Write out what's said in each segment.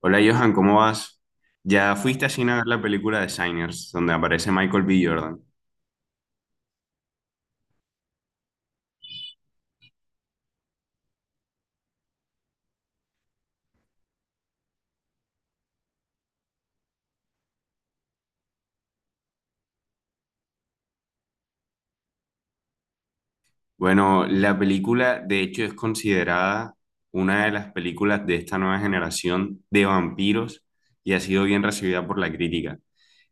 Hola Johan, ¿cómo vas? Ya fuiste a cine a ver la película de Signers, donde aparece Michael B. Jordan. Bueno, la película de hecho es considerada una de las películas de esta nueva generación de vampiros y ha sido bien recibida por la crítica.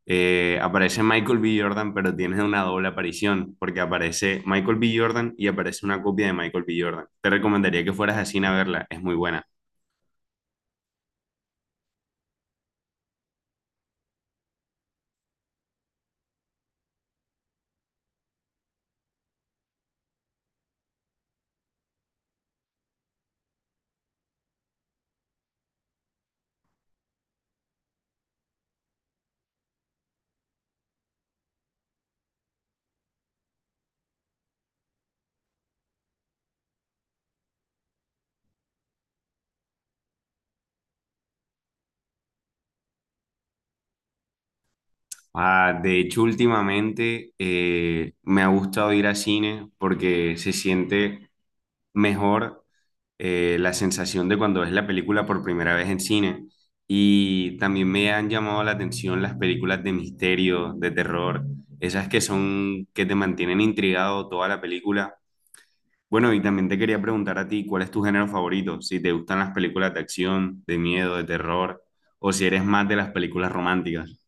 Aparece Michael B. Jordan, pero tiene una doble aparición, porque aparece Michael B. Jordan y aparece una copia de Michael B. Jordan. Te recomendaría que fueras a cine a verla, es muy buena. Ah, de hecho, últimamente me ha gustado ir a cine porque se siente mejor, la sensación de cuando ves la película por primera vez en cine. Y también me han llamado la atención las películas de misterio, de terror, esas que son, que te mantienen intrigado toda la película. Bueno, y también te quería preguntar a ti, ¿cuál es tu género favorito? Si te gustan las películas de acción, de miedo, de terror, o si eres más de las películas románticas.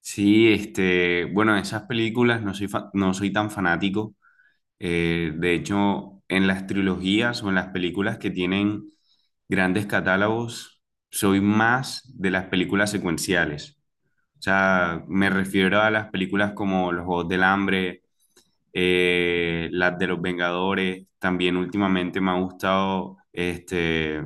Sí, este, bueno, esas películas no soy tan fanático. De hecho, en las trilogías o en las películas que tienen grandes catálogos, soy más de las películas secuenciales. O sea, me refiero a las películas como Los Juegos del Hambre, las de los Vengadores. También últimamente me ha gustado este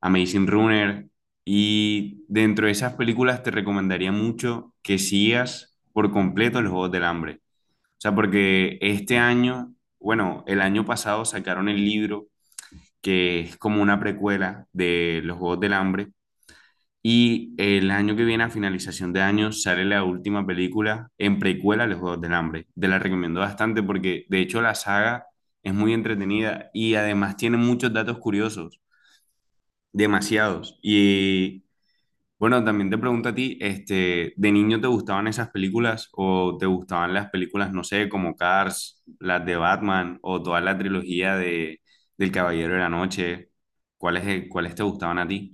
Amazing Runner. Y dentro de esas películas te recomendaría mucho que sigas por completo los Juegos del Hambre. O sea, porque este año, bueno, el año pasado sacaron el libro que es como una precuela de los Juegos del Hambre. Y el año que viene, a finalización de año, sale la última película en precuela de los Juegos del Hambre. Te la recomiendo bastante porque, de hecho, la saga es muy entretenida y además tiene muchos datos curiosos, demasiados. Y bueno, también te pregunto a ti, este, ¿de niño te gustaban esas películas o te gustaban las películas, no sé, como Cars, las de Batman o toda la trilogía de del Caballero de la Noche? ¿Cuáles, cuáles te gustaban a ti?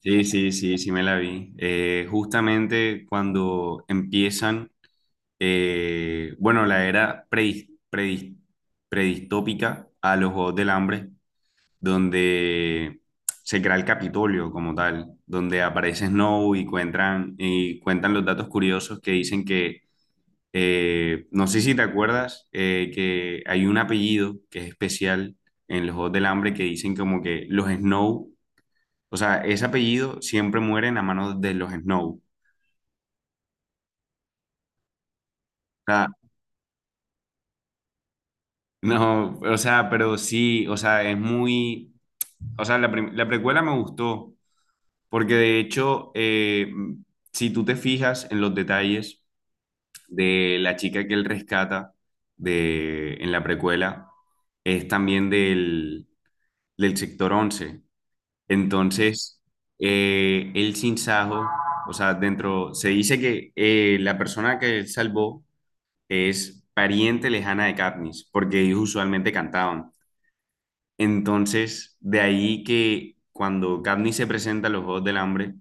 Sí, sí, sí, sí me la vi. Justamente cuando empiezan, bueno, la era predistópica a los Juegos del Hambre, donde se crea el Capitolio como tal, donde aparece Snow y cuentan los datos curiosos que dicen que, no sé si te acuerdas, que hay un apellido que es especial en los Juegos del Hambre, que dicen como que los Snow, o sea, ese apellido siempre mueren a manos de los Snow. O sea, no, o sea, pero sí, o sea, es muy, o sea, la precuela me gustó. Porque de hecho, si tú te fijas en los detalles de la chica que él rescata de, en la precuela, es también del, del sector once. Entonces, el sinsajo, o sea, dentro, se dice que la persona que él salvó es pariente lejana de Katniss, porque ellos usualmente cantaban. Entonces, de ahí que cuando Katniss se presenta a los Juegos del Hambre,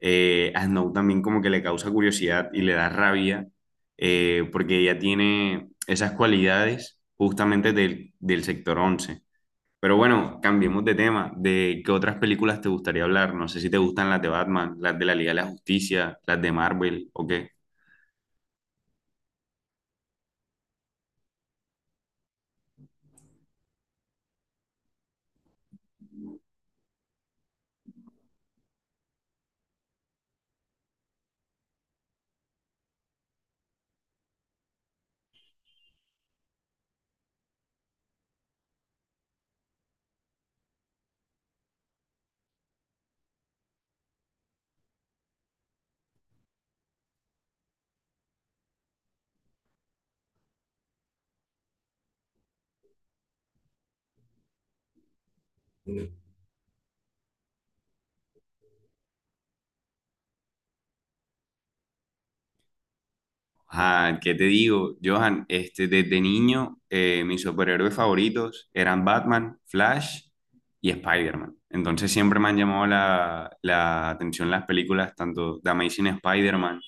a Snow también como que le causa curiosidad y le da rabia, porque ella tiene esas cualidades justamente del, del sector 11. Pero bueno, cambiemos de tema. ¿De qué otras películas te gustaría hablar? No sé si te gustan las de Batman, las de la Liga de la Justicia, las de Marvel o qué. Johan, ¿qué te digo? Johan, este, desde niño, mis superhéroes favoritos eran Batman, Flash y Spider-Man. Entonces siempre me han llamado la atención las películas, tanto de Amazing Spider-Man,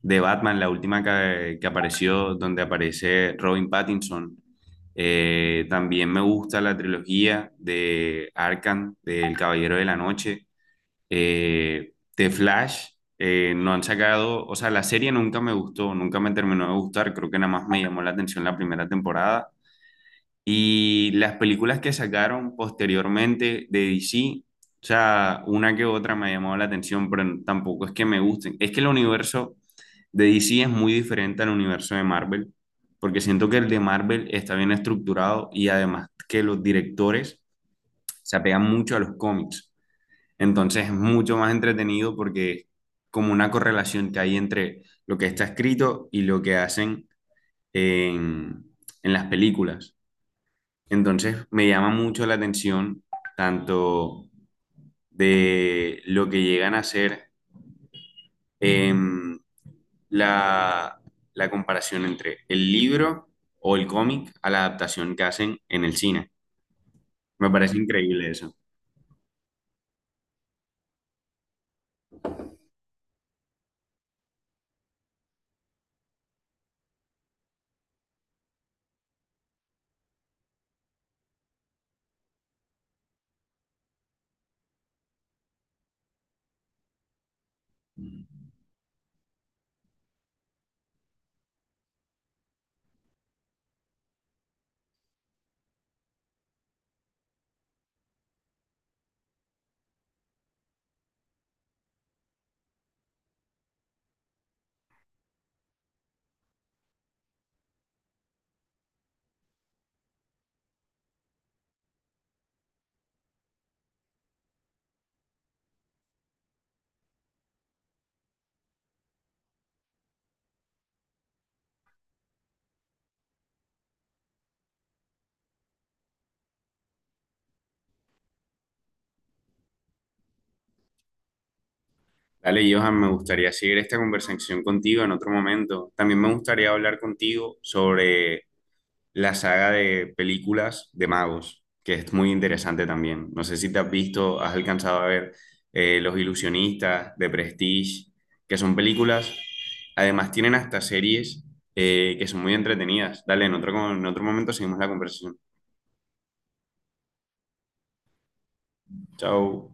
de Batman, la última que apareció, donde aparece Robin Pattinson. También me gusta la trilogía de Arkham, del Caballero de la Noche, The Flash, no han sacado, o sea, la serie nunca me gustó, nunca me terminó de gustar, creo que nada más me llamó la atención la primera temporada. Y las películas que sacaron posteriormente de DC, o sea, una que otra me ha llamado la atención, pero tampoco es que me gusten. Es que el universo de DC es muy diferente al universo de Marvel, porque siento que el de Marvel está bien estructurado y además que los directores se apegan mucho a los cómics. Entonces es mucho más entretenido porque es como una correlación que hay entre lo que está escrito y lo que hacen en, en las películas. Entonces me llama mucho la atención tanto de lo que llegan a hacer, em, la, la comparación entre el libro o el cómic a la adaptación que hacen en el cine. Me parece increíble eso. Dale, Johan, me gustaría seguir esta conversación contigo en otro momento. También me gustaría hablar contigo sobre la saga de películas de magos, que es muy interesante también. No sé si te has visto, has alcanzado a ver, Los Ilusionistas, de Prestige, que son películas, además tienen hasta series, que son muy entretenidas. Dale, en otro momento seguimos la conversación. Chao.